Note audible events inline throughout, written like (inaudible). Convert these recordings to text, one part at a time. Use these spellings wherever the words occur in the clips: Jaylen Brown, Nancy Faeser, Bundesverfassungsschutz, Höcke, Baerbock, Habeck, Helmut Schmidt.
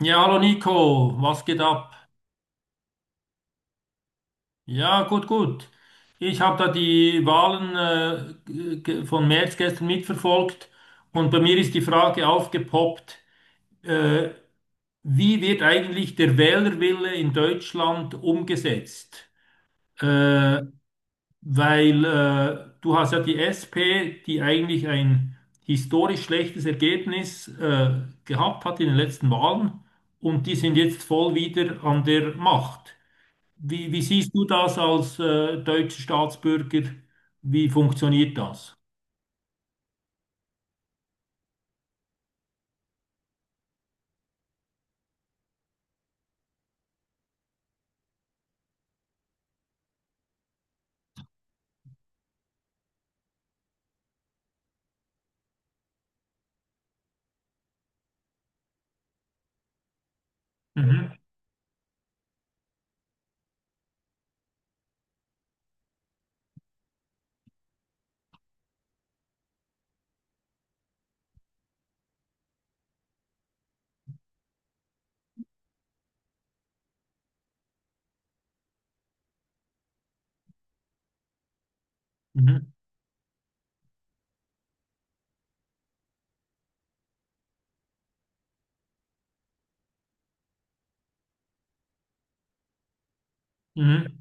Ja, hallo Nico, was geht ab? Ja, gut, gut. Ich habe da die Wahlen g- von März gestern mitverfolgt und bei mir ist die Frage aufgepoppt. äh, Wie wird eigentlich der Wählerwille in Deutschland umgesetzt? Äh, weil Du hast ja die SP, die eigentlich ein historisch schlechtes Ergebnis gehabt hat in den letzten Wahlen, und die sind jetzt voll wieder an der Macht. Wie siehst du das als deutscher Staatsbürger? Wie funktioniert das? Mhm. Mhm. Mhm.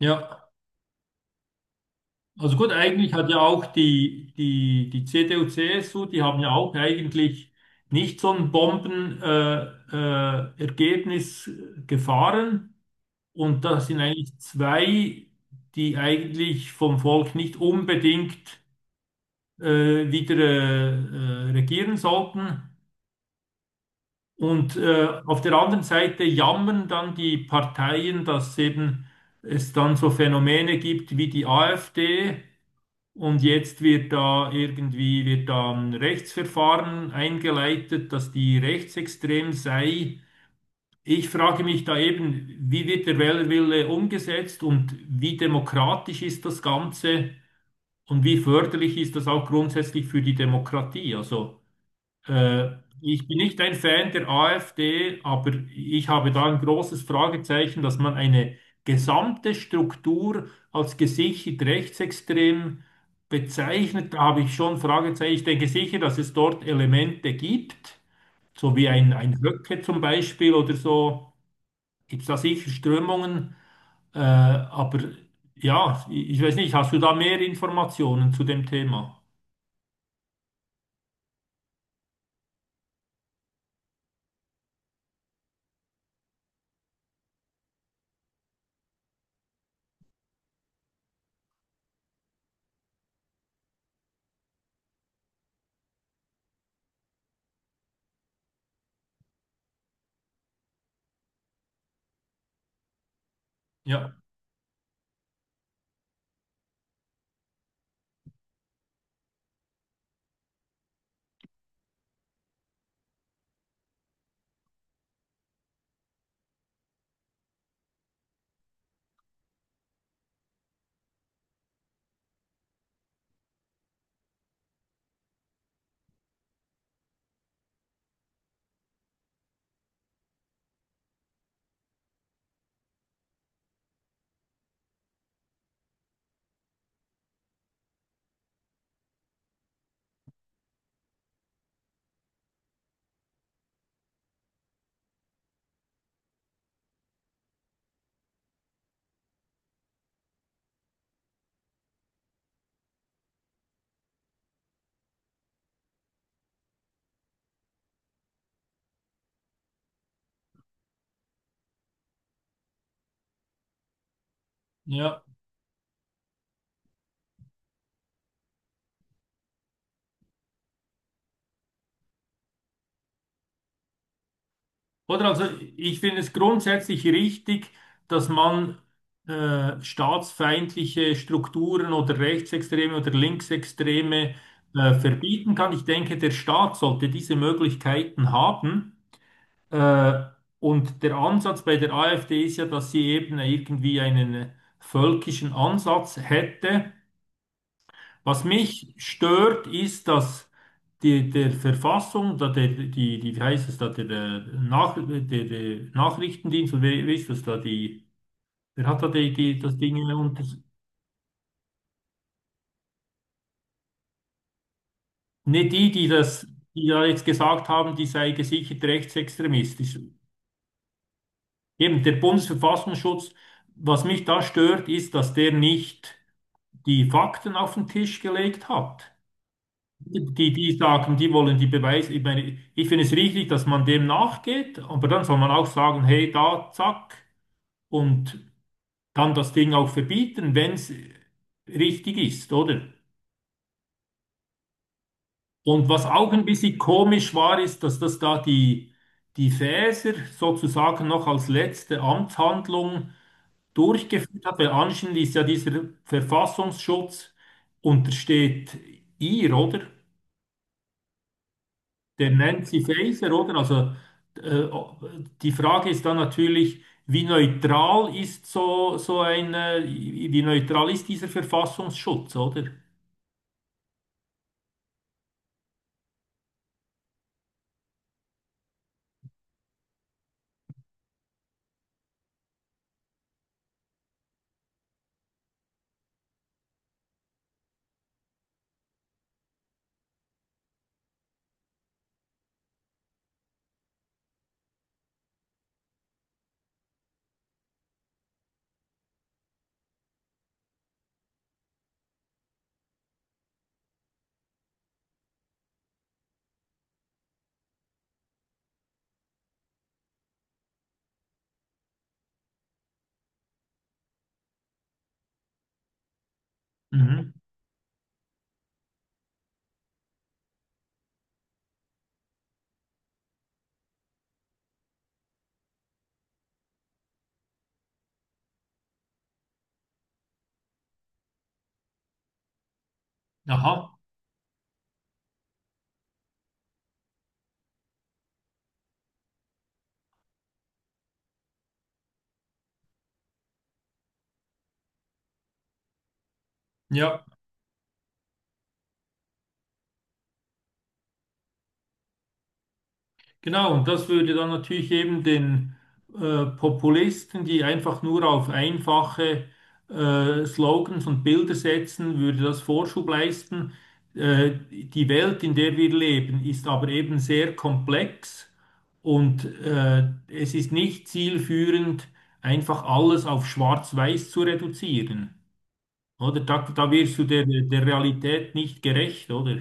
Ja, also gut, eigentlich hat ja auch die CDU, CSU, die haben ja auch eigentlich nicht so ein Ergebnis gefahren. Und das sind eigentlich zwei, die eigentlich vom Volk nicht unbedingt wieder regieren sollten. Und auf der anderen Seite jammern dann die Parteien, dass eben es dann so Phänomene gibt wie die AfD, und jetzt wird da ein Rechtsverfahren eingeleitet, dass die rechtsextrem sei. Ich frage mich da eben, wie wird der Wählerwille umgesetzt und wie demokratisch ist das Ganze und wie förderlich ist das auch grundsätzlich für die Demokratie? Äh, Ich bin nicht ein Fan der AfD, aber ich habe da ein großes Fragezeichen, dass man eine gesamte Struktur als gesichert rechtsextrem bezeichnet. Da habe ich schon Fragezeichen. Ich denke sicher, dass es dort Elemente gibt, so wie ein Höcke zum Beispiel oder so. Gibt es da sicher Strömungen? Aber ich weiß nicht, hast du da mehr Informationen zu dem Thema? Ja, ja. Oder also ich finde es grundsätzlich richtig, dass man staatsfeindliche Strukturen oder Rechtsextreme oder Linksextreme verbieten kann. Ich denke, der Staat sollte diese Möglichkeiten haben. Äh, und der Ansatz bei der AfD ist ja, dass sie eben irgendwie einen völkischen Ansatz hätte. Was mich stört, ist, dass die, der Verfassung, da der, die, die, wie heißt es da, der, Nach, der, der Nachrichtendienst, oder wer ist das da, wer hat da das Ding unter, ne, die, die das, die da jetzt gesagt haben, die sei gesichert rechtsextremistisch. Eben, der Bundesverfassungsschutz, was mich da stört, ist, dass der nicht die Fakten auf den Tisch gelegt hat. Die sagen, die wollen die Beweise. Ich meine, ich finde es richtig, dass man dem nachgeht, aber dann soll man auch sagen, hey, da, zack, und dann das Ding auch verbieten, wenn es richtig ist, oder? Und was auch ein bisschen komisch war, ist, dass das da die Fäser sozusagen noch als letzte Amtshandlung durchgeführt hat, weil anscheinend ist ja dieser Verfassungsschutz untersteht ihr, oder? Der Nancy Faeser, oder? Äh, Die Frage ist dann natürlich, wie neutral ist wie neutral ist dieser Verfassungsschutz, oder? Mhm. Aha, ja. Genau, und das würde dann natürlich eben den Populisten, die einfach nur auf einfache Slogans und Bilder setzen, würde das Vorschub leisten. Die Welt, in der wir leben, ist aber eben sehr komplex, und es ist nicht zielführend, einfach alles auf Schwarz-Weiß zu reduzieren. Oder da wirst du der Realität nicht gerecht, oder?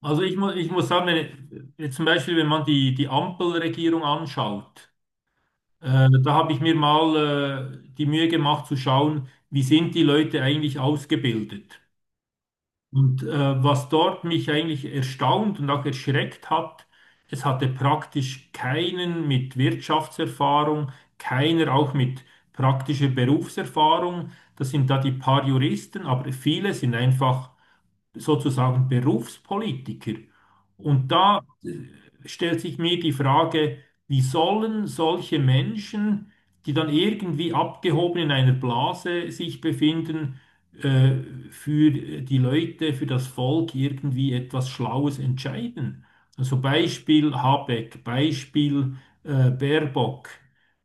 Also ich muss sagen, wenn, jetzt zum Beispiel, wenn man die Ampelregierung anschaut, da habe ich mir mal die Mühe gemacht zu schauen, wie sind die Leute eigentlich ausgebildet. Und was dort mich eigentlich erstaunt und auch erschreckt hat, es hatte praktisch keinen mit Wirtschaftserfahrung, keiner auch mit praktischer Berufserfahrung. Das sind da die paar Juristen, aber viele sind einfach sozusagen Berufspolitiker. Und da stellt sich mir die Frage, wie sollen solche Menschen, die dann irgendwie abgehoben in einer Blase sich befinden, äh, für die Leute, für das Volk irgendwie etwas Schlaues entscheiden? Also Beispiel Habeck, Beispiel Baerbock.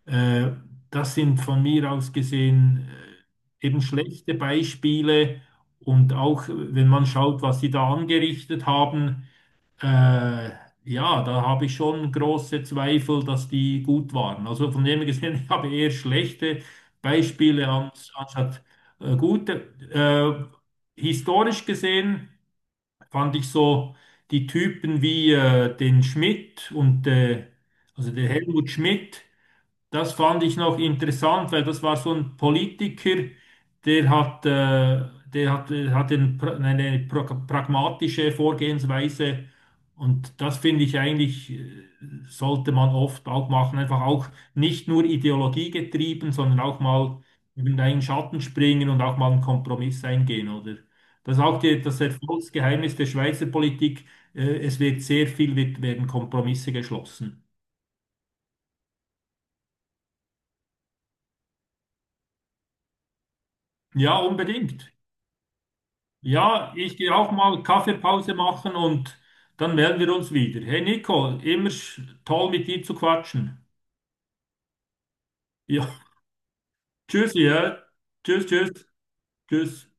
Äh, das sind von mir aus gesehen eben schlechte Beispiele, und auch wenn man schaut, was sie da angerichtet haben, äh, ja, da habe ich schon große Zweifel, dass die gut waren. Also von dem her gesehen, (laughs) ich habe eher schlechte Beispiele anstatt gute. Historisch gesehen fand ich so die Typen wie den Schmidt und also den Helmut Schmidt. Das fand ich noch interessant, weil das war so ein Politiker, der hat, hat den, pra- eine pra- pragmatische Vorgehensweise, und das finde ich eigentlich, sollte man oft auch machen. Einfach auch nicht nur Ideologie getrieben, sondern auch mal über einen Schatten springen und auch mal einen Kompromiss eingehen, oder? Das ist auch das Erfolgsgeheimnis der Schweizer Politik. Es wird sehr viel, werden Kompromisse geschlossen. Ja, unbedingt. Ja, ich gehe auch mal Kaffeepause machen, und dann melden wir uns wieder. Hey Nico, immer toll mit dir zu quatschen. Ja, (laughs) tschüss, ja. Tschüss, tschüss, tschüss.